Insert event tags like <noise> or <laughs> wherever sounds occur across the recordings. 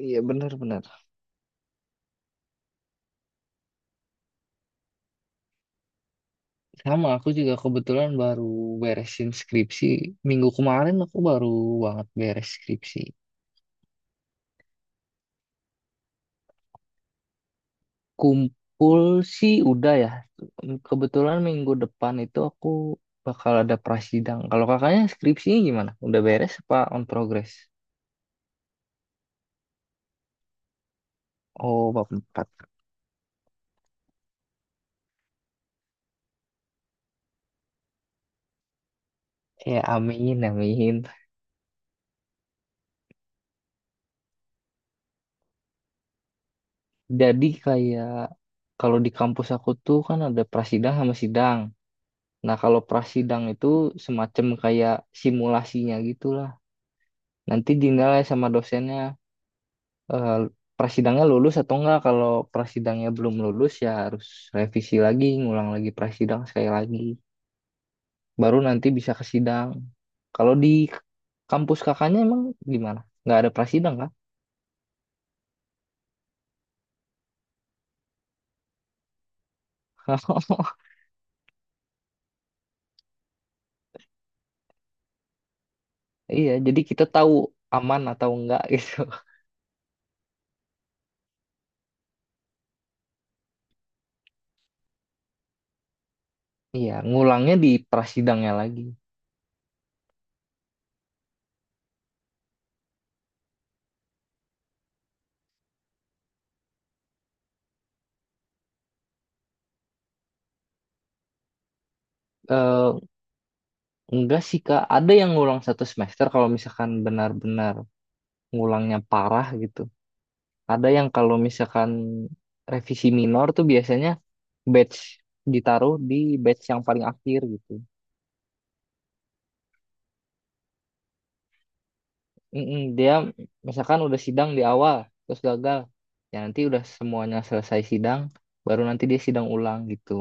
Iya benar-benar. Sama aku juga kebetulan baru beresin skripsi. Minggu kemarin aku baru banget beres skripsi. Kumpul sih udah ya. Kebetulan minggu depan itu aku bakal ada prasidang. Kalau kakaknya skripsinya gimana? Udah beres apa on progress? Oh, bab 4. Ya amin, amin. Jadi kayak kalau di kampus aku tuh kan ada prasidang sama sidang. Nah, kalau prasidang itu semacam kayak simulasinya gitulah. Nanti dinilai sama dosennya, eh, prasidangnya lulus atau enggak. Kalau prasidangnya belum lulus ya harus revisi lagi, ngulang lagi prasidang sekali lagi. Baru nanti bisa ke sidang. Kalau di kampus kakaknya emang gimana? Nggak ada prasidang kah? <laughs> Iya, jadi kita tahu aman atau enggak gitu. <laughs> Iya, ngulangnya di prasidangnya lagi. Eh, enggak sih Kak, ada yang ngulang satu semester kalau misalkan benar-benar ngulangnya parah gitu. Ada yang kalau misalkan revisi minor tuh biasanya batch ditaruh di batch yang paling akhir gitu. Mm-mm, dia misalkan udah sidang di awal terus gagal, ya nanti udah semuanya selesai sidang, baru nanti dia sidang ulang gitu.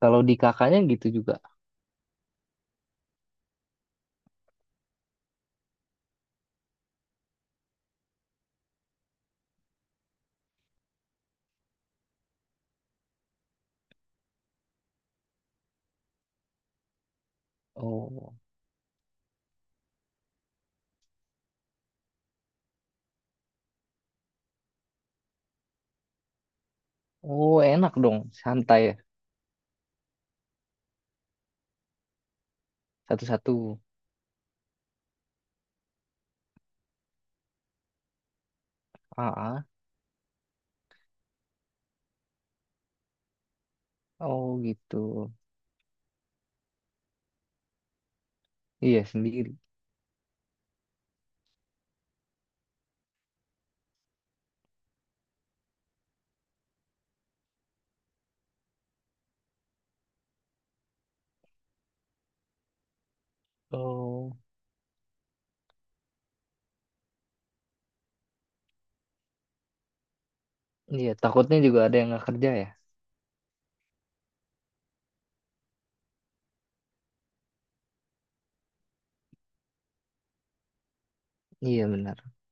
Kalau di kakaknya gitu juga. Oh, oh enak dong, santai ya, satu-satu. Ah, ah. Oh gitu. Iya sendiri. Oh, iya takutnya juga ada yang nggak kerja ya. Iya benar. <laughs>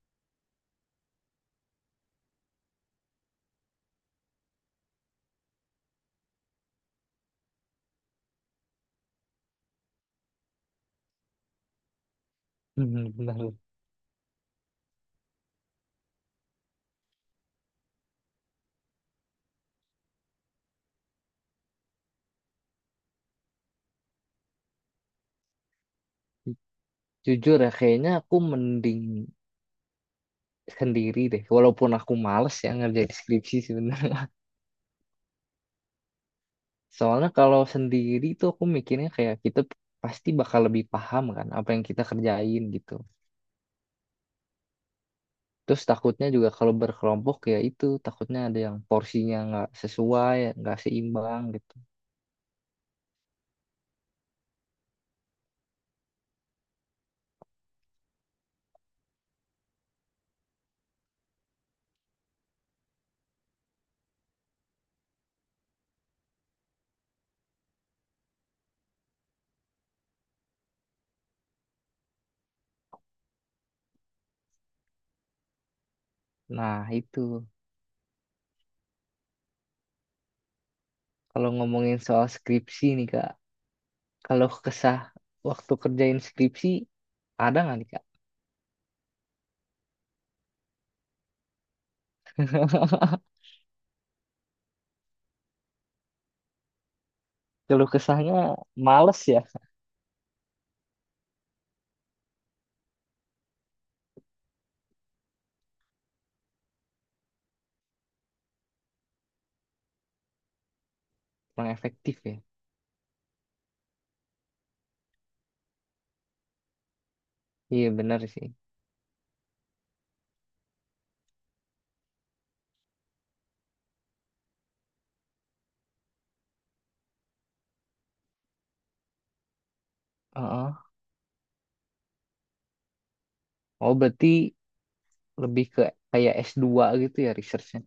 Mhm, benar. Jujur ya, kayaknya aku mending sendiri deh. Walaupun aku males ya ngerjain skripsi sebenarnya. <laughs> Soalnya kalau sendiri tuh aku mikirnya kayak kita pasti bakal lebih paham kan apa yang kita kerjain gitu. Terus takutnya juga kalau berkelompok ya itu takutnya ada yang porsinya nggak sesuai, nggak seimbang gitu. Nah itu kalau ngomongin soal skripsi nih Kak, kalau kesah waktu kerjain skripsi ada nggak nih Kak? <laughs> Kalau kesahnya males ya, kurang efektif ya. Iya benar sih. Heeh. Oh berarti lebih ke kayak S2 gitu ya researchnya.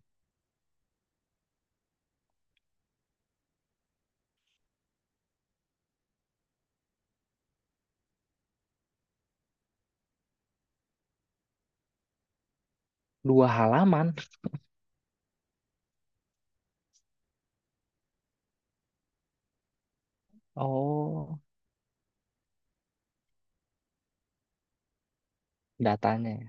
Dua halaman. Oh, datanya ya.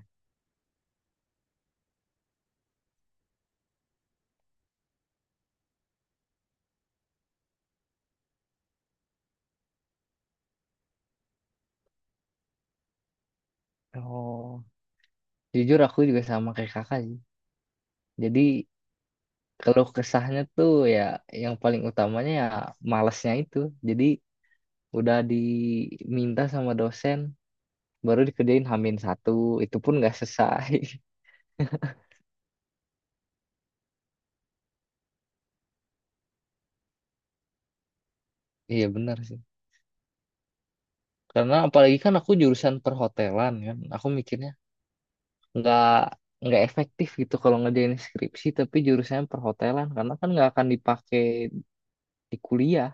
Oh, jujur aku juga sama kayak kakak sih. Jadi kalau kesahnya tuh ya yang paling utamanya ya malesnya itu. Jadi udah diminta sama dosen baru dikerjain hamin satu itu pun nggak selesai. <laughs> Iya benar sih. Karena apalagi kan aku jurusan perhotelan kan. Aku mikirnya nggak nggak efektif gitu kalau ngerjain skripsi tapi jurusannya perhotelan karena kan nggak akan dipakai di kuliah,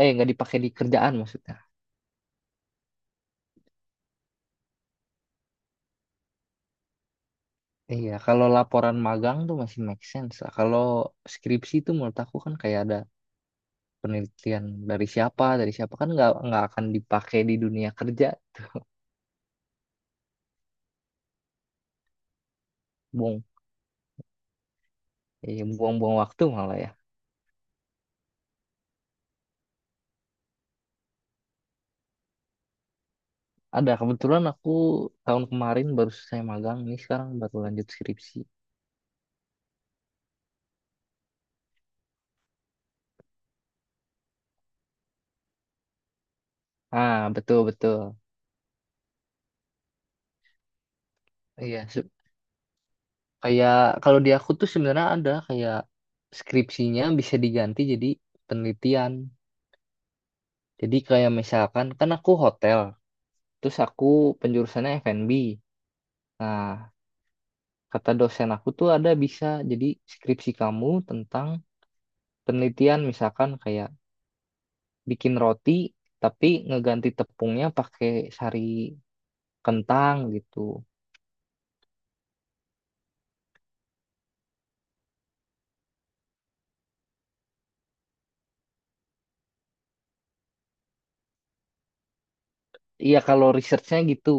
eh nggak dipakai di kerjaan maksudnya. Iya kalau laporan magang tuh masih make sense lah. Kalau skripsi tuh menurut aku kan kayak ada penelitian dari siapa dari siapa, kan nggak akan dipakai di dunia kerja. Buang, iya buang-buang waktu malah ya. Ada, kebetulan aku tahun kemarin baru selesai magang, ini sekarang baru lanjut skripsi. Ah betul betul. Iya, kayak kalau di aku tuh sebenarnya ada kayak skripsinya bisa diganti jadi penelitian. Jadi kayak misalkan kan aku hotel, terus aku penjurusannya F&B. Nah, kata dosen aku tuh ada bisa jadi skripsi kamu tentang penelitian misalkan kayak bikin roti tapi ngeganti tepungnya pakai sari kentang gitu. Iya kalau researchnya gitu,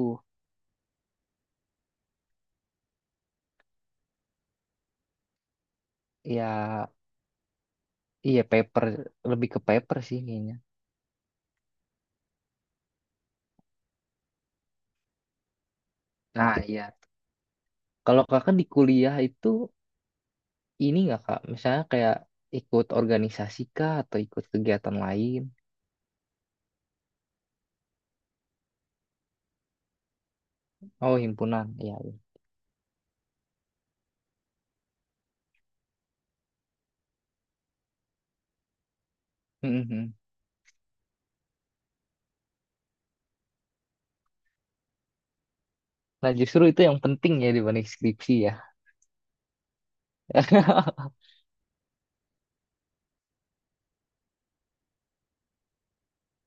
ya iya paper, lebih ke paper sih kayaknya. Nah, iya. Kalau kakak di kuliah itu ini nggak kak? Misalnya kayak ikut organisasi kah atau ikut kegiatan lain? Oh, himpunan, iya. Iya. Mhm. Nah, justru itu yang penting ya dibanding skripsi ya. <laughs>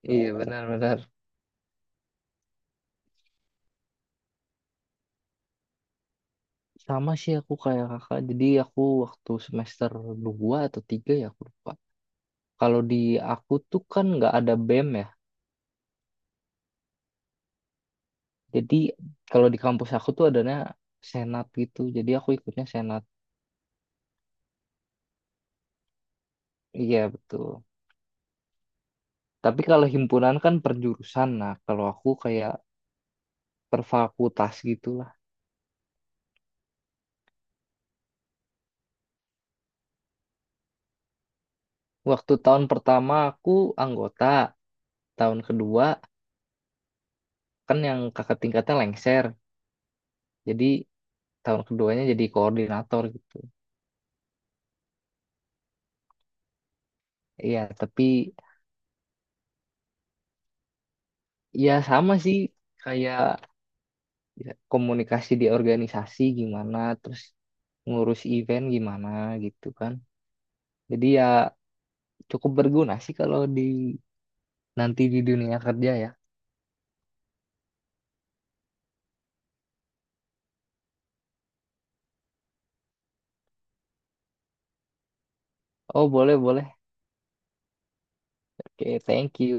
Iya, benar-benar. Sama sih aku kayak kakak. Jadi aku waktu semester 2 atau 3 ya aku lupa. Kalau di aku tuh kan nggak ada BEM ya. Jadi kalau di kampus aku tuh adanya senat gitu. Jadi aku ikutnya senat. Iya, betul. Tapi kalau himpunan kan per jurusan. Nah, kalau aku kayak per fakultas gitulah. Waktu tahun pertama aku anggota, tahun kedua kan yang kakak tingkatnya lengser. Jadi tahun keduanya jadi koordinator gitu. Iya, tapi ya sama sih kayak ya, komunikasi di organisasi gimana, terus ngurus event gimana gitu kan. Jadi ya cukup berguna sih kalau di nanti di dunia kerja ya. Oh, boleh, boleh. Oke, thank you.